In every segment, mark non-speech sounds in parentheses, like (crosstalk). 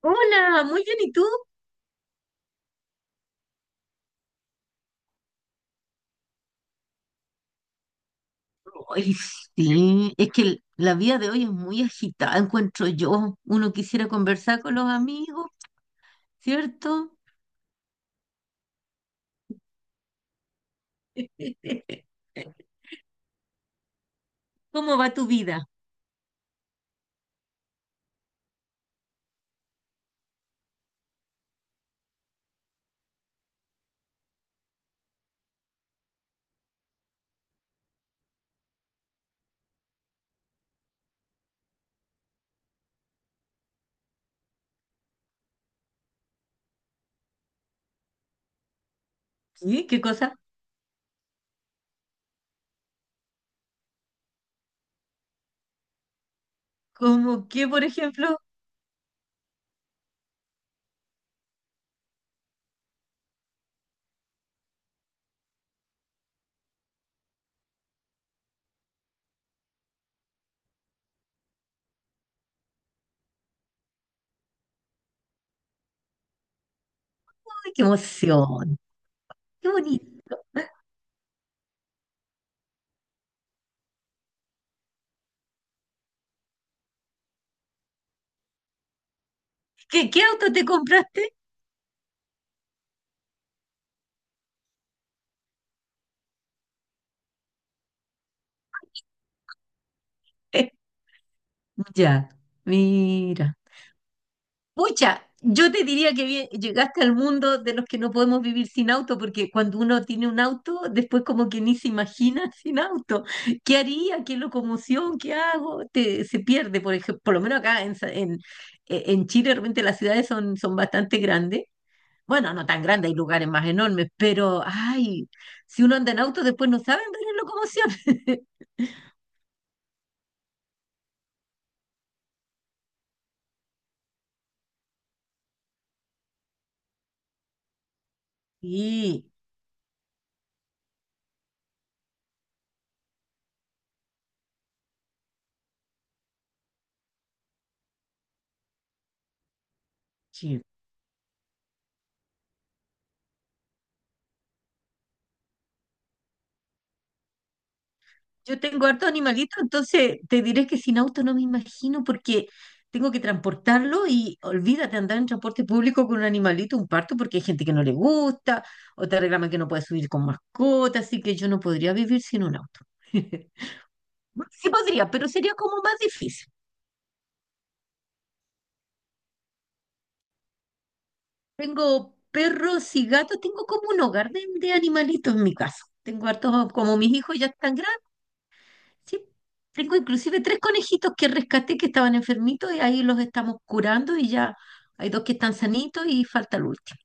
Hola, muy bien, ¿y tú? Ay, sí, es que la vida de hoy es muy agitada, encuentro yo. Uno quisiera conversar con los amigos, ¿cierto? (laughs) ¿Cómo va tu vida? ¿Sí? ¿Qué cosa? ¿Cómo qué, por ejemplo? ¡Ay, qué emoción! ¡Qué bonito! ¿Qué auto te compraste? (laughs) Ya, mira. Pucha, yo te diría que llegaste al mundo de los que no podemos vivir sin auto, porque cuando uno tiene un auto, después como que ni se imagina (laughs) sin auto. ¿Qué haría? ¿Qué locomoción? ¿Qué hago? Se pierde, por ejemplo, por lo menos acá en, Sa- en, e-, en Chile, de repente las ciudades son bastante grandes. Bueno, no tan grandes, hay lugares más enormes, pero ay, si uno anda en auto, después no sabe andar en locomoción. (laughs) Sí, yo tengo hartos animalitos, entonces te diré que sin auto no me imagino porque tengo que transportarlo y olvídate andar en transporte público con un animalito, un parto, porque hay gente que no le gusta, o te reclama que no puedes subir con mascota, así que yo no podría vivir sin un auto. (laughs) Sí podría, pero sería como más difícil. Tengo perros y gatos, tengo como un hogar de animalitos en mi casa. Tengo hartos, como mis hijos ya están grandes. Sí, tengo inclusive tres conejitos que rescaté que estaban enfermitos y ahí los estamos curando y ya hay dos que están sanitos y falta el último.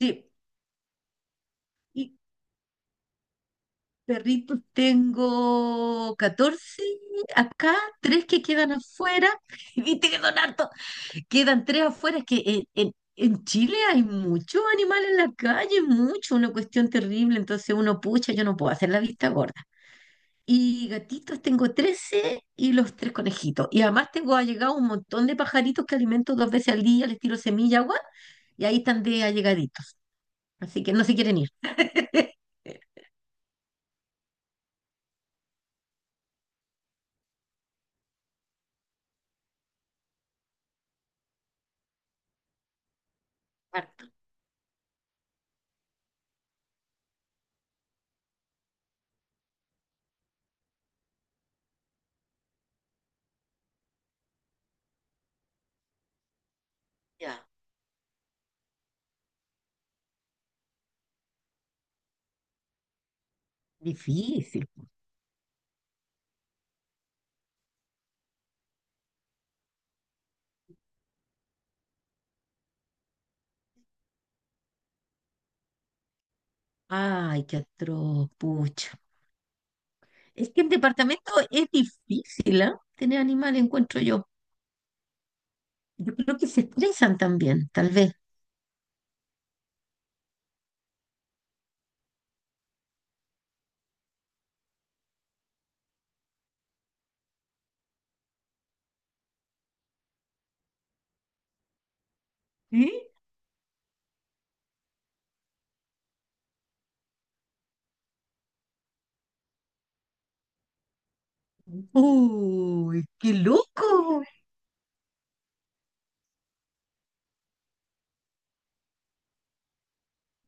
Sí, y perritos tengo 14. Acá, tres que quedan afuera. (laughs) Y viste que son hartos, quedan tres afuera. Es que en Chile hay muchos animales en la calle, mucho, una cuestión terrible. Entonces uno pucha, yo no puedo hacer la vista gorda. Y gatitos tengo 13 y los tres conejitos. Y además tengo allegado un montón de pajaritos que alimento dos veces al día, les tiro semilla, agua, y ahí están de allegaditos. Así que no se quieren ir. (laughs) Harto. Ya. Difícil. Ay, qué atroz, pucha. Es que en departamento es difícil, ¿ah? Tener animales, encuentro yo. Yo creo que se estresan también, tal vez. ¿Sí? ¡Uy, qué loco!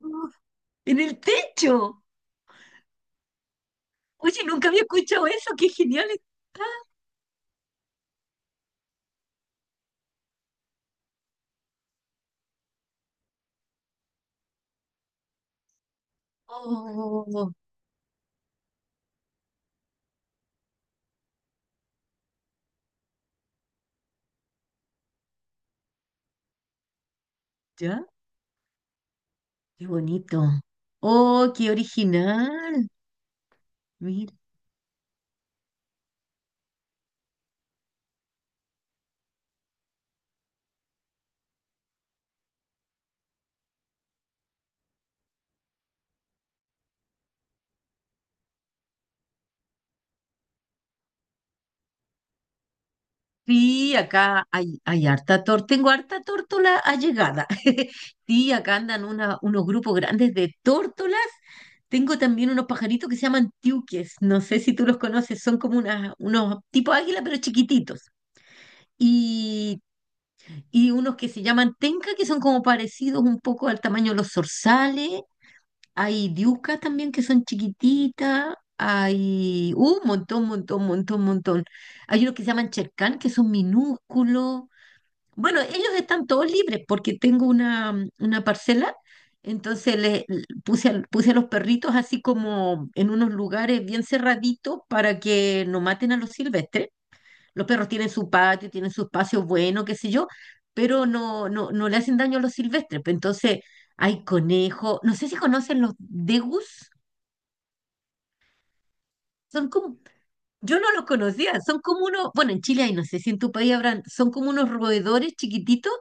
¡Uf! ¡En el techo! Oye, nunca había escuchado eso, qué genial. Oh, ya, qué bonito. Oh, qué original. Mira. Sí, acá hay harta torta. Tengo harta tórtola allegada. (laughs) Sí, acá andan unos grupos grandes de tórtolas. Tengo también unos pajaritos que se llaman tiuques. No sé si tú los conoces, son como unos tipo águila, pero chiquititos. Y, y unos que se llaman tenca, que son como parecidos un poco al tamaño de los zorzales. Hay diucas también que son chiquititas. Hay un montón, montón, montón, montón. Hay unos que se llaman Cherkán, que son minúsculos. Bueno, ellos están todos libres porque tengo una parcela. Entonces le l- puse a, puse a los perritos así como en unos lugares bien cerraditos para que no maten a los silvestres. Los perros tienen su patio, tienen su espacio bueno, qué sé yo, pero no, no, no le hacen daño a los silvestres. Pues entonces, hay conejos. No sé si conocen los degus. Son como, yo no los conocía, son como unos, bueno, en Chile hay, no sé si en tu país habrán, son como unos roedores chiquititos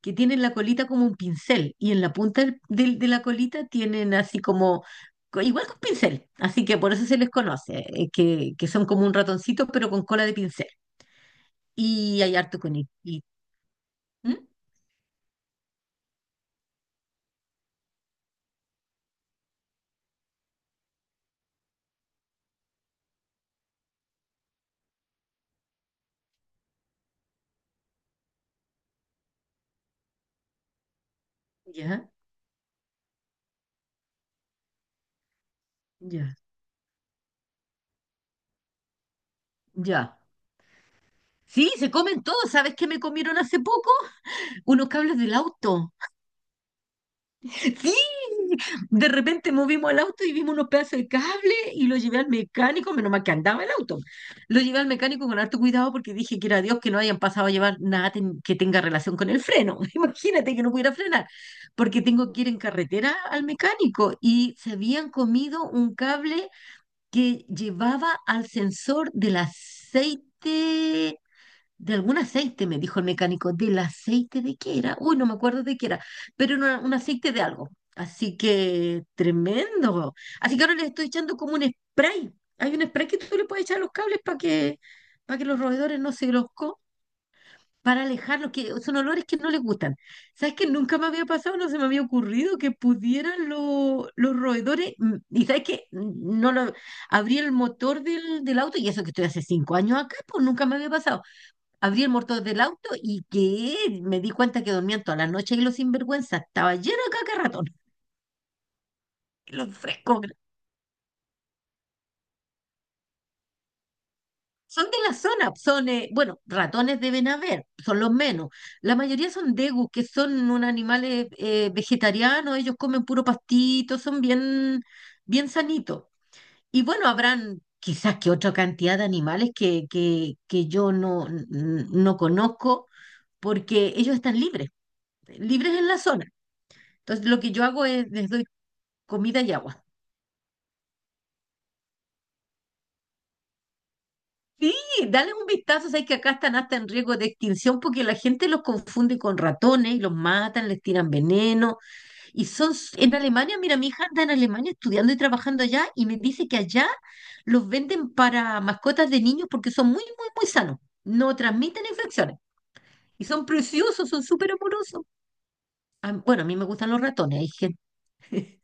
que tienen la colita como un pincel y en la punta de la colita tienen así como, igual que un pincel, así que por eso se les conoce, que son como un ratoncito pero con cola de pincel. Y hay harto conejito. ¿Mm? ¿Ya? Ya, ya. Sí, se comen todo. ¿Sabes qué me comieron hace poco? Unos cables del auto. Sí, de repente movimos el auto y vimos unos pedazos de cable y lo llevé al mecánico, menos mal que andaba el auto. Lo llevé al mecánico con harto cuidado porque dije que era Dios que no hayan pasado a llevar nada que tenga relación con el freno. (laughs) Imagínate que no pudiera frenar, porque tengo que ir en carretera al mecánico y se habían comido un cable que llevaba al sensor del aceite. De algún aceite, me dijo el mecánico. ¿Del aceite de qué era? Uy, no me acuerdo de qué era, pero era un aceite de algo. Así que tremendo. Así que ahora les estoy echando como un spray. Hay un spray que tú le puedes echar a los cables para que los roedores no se los para alejarlos, que son olores que no les gustan. ¿Sabes que nunca me había pasado, no se me había ocurrido que pudieran los roedores? Y sabes que no lo abrí el motor del auto, y eso que estoy hace 5 años acá, pues nunca me había pasado. Abrí el motor del auto y que me di cuenta que dormían toda la noche y los sinvergüenzas. Estaba lleno de caca de ratón. (laughs) Los frescos. Son de la zona, son, bueno, ratones deben haber, son los menos. La mayoría son degus, que son unos animales vegetarianos, ellos comen puro pastito, son bien, bien sanitos. Y bueno, habrán quizás que, otra cantidad de animales que yo no, no conozco, porque ellos están libres, libres en la zona. Entonces, lo que yo hago es, les doy comida y agua. Sí, dale un vistazo, sabes que acá están hasta en riesgo de extinción porque la gente los confunde con ratones y los matan, les tiran veneno. En Alemania, mira, mi hija anda en Alemania estudiando y trabajando allá y me dice que allá los venden para mascotas de niños porque son muy, muy, muy sanos. No transmiten infecciones. Y son preciosos, son súper amorosos. Ah, bueno, a mí me gustan los ratones, hay gente. (laughs)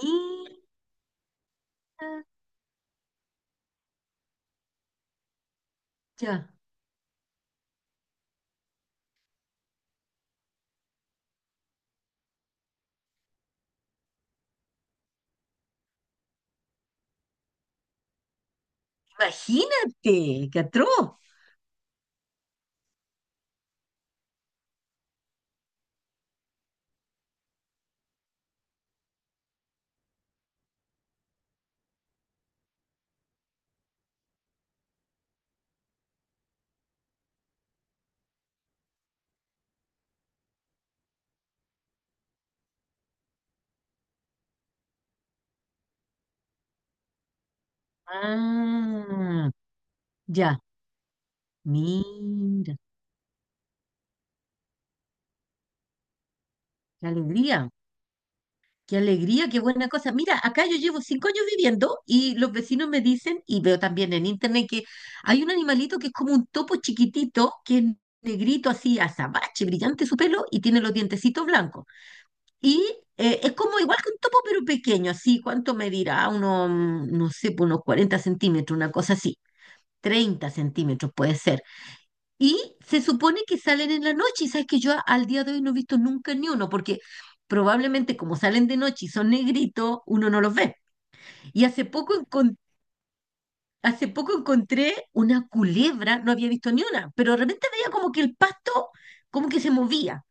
Mira, ya. Imagínate, qué atroz. Ah, ya. Mira, qué alegría, qué alegría, qué buena cosa. Mira, acá yo llevo 5 años viviendo y los vecinos me dicen, y veo también en internet que hay un animalito que es como un topo chiquitito, que es negrito así, azabache, brillante su pelo y tiene los dientecitos blancos. Y es como igual que un topo, pero pequeño, así, ¿cuánto medirá? Uno, no sé, pues unos 40 centímetros, una cosa así, 30 centímetros puede ser. Y se supone que salen en la noche, y sabes que yo al día de hoy no he visto nunca ni uno, porque probablemente como salen de noche y son negritos, uno no los ve. Y hace poco encontré una culebra, no había visto ni una, pero de repente veía como que el pasto como que se movía.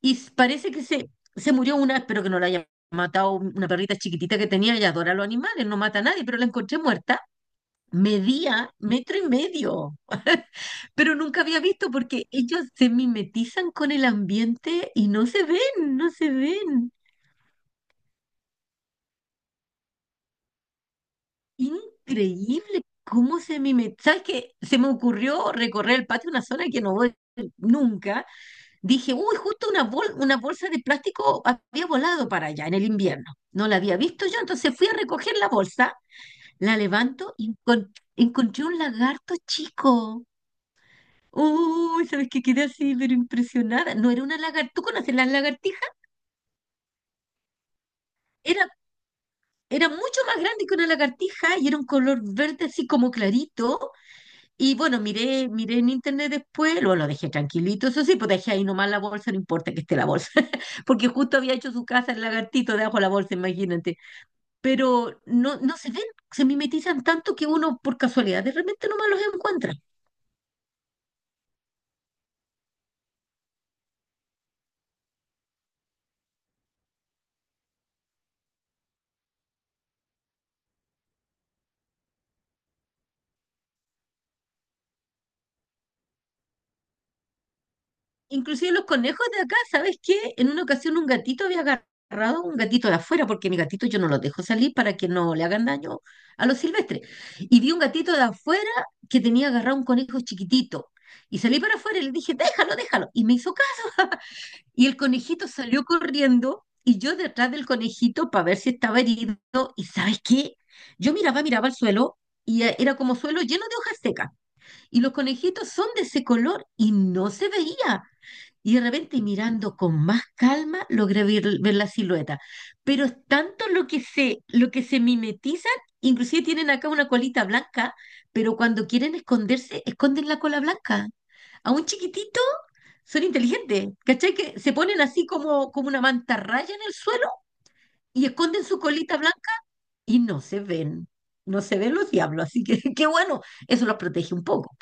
Y parece que se murió una, espero que no la haya matado una perrita chiquitita que tenía, ella adora a los animales, no mata a nadie, pero la encontré muerta, medía metro y medio. (laughs) Pero nunca había visto porque ellos se mimetizan con el ambiente y no se ven, no se ven. Increíble cómo se mimetizan. ¿Sabes qué? Se me ocurrió recorrer el patio, una zona que no voy nunca. Dije, uy, justo una bolsa de plástico había volado para allá en el invierno. No la había visto yo, entonces fui a recoger la bolsa, la levanto y encontré un lagarto chico. Uy, ¿sabes qué? Quedé así, pero impresionada. No era una lagartija. ¿Tú conoces las lagartijas? Era Era mucho más grande que una lagartija y era un color verde así como clarito. Y bueno, miré en internet después, luego lo dejé tranquilito, eso sí, pues dejé ahí nomás la bolsa, no importa que esté la bolsa, (laughs) porque justo había hecho su casa el lagartito debajo de la bolsa, imagínate. Pero no, no se ven, se mimetizan tanto que uno por casualidad de repente nomás los encuentra. Inclusive los conejos de acá, ¿sabes qué? En una ocasión un gatito había agarrado un gatito de afuera, porque mi gatito yo no los dejo salir para que no le hagan daño a los silvestres. Y vi un gatito de afuera que tenía agarrado un conejo chiquitito. Y salí para afuera y le dije, déjalo, déjalo. Y me hizo caso. (laughs) Y el conejito salió corriendo y yo detrás del conejito para ver si estaba herido. ¿Y sabes qué? Yo miraba, miraba al suelo y era como suelo lleno de hojas secas. Y los conejitos son de ese color y no se veía. Y de repente mirando con más calma logré ver, ver la silueta. Pero es tanto lo que se mimetizan, inclusive tienen acá una colita blanca, pero cuando quieren esconderse, esconden la cola blanca. A un chiquitito son inteligentes, ¿cachai? Que se ponen así como una mantarraya en el suelo y esconden su colita blanca y no se ven. No se ven los diablos, así que (laughs) qué bueno, eso los protege un poco.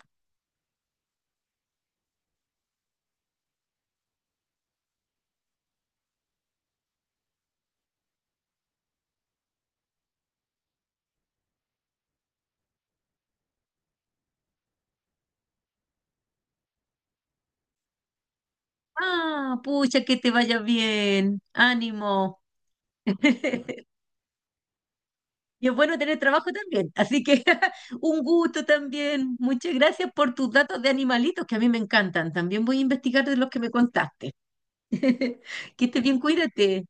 Ah, pucha, que te vaya bien, ánimo. (laughs) Y es bueno tener trabajo también. Así que (laughs) un gusto también. Muchas gracias por tus datos de animalitos que a mí me encantan. También voy a investigar de los que me contaste. (laughs) Que estés bien, cuídate.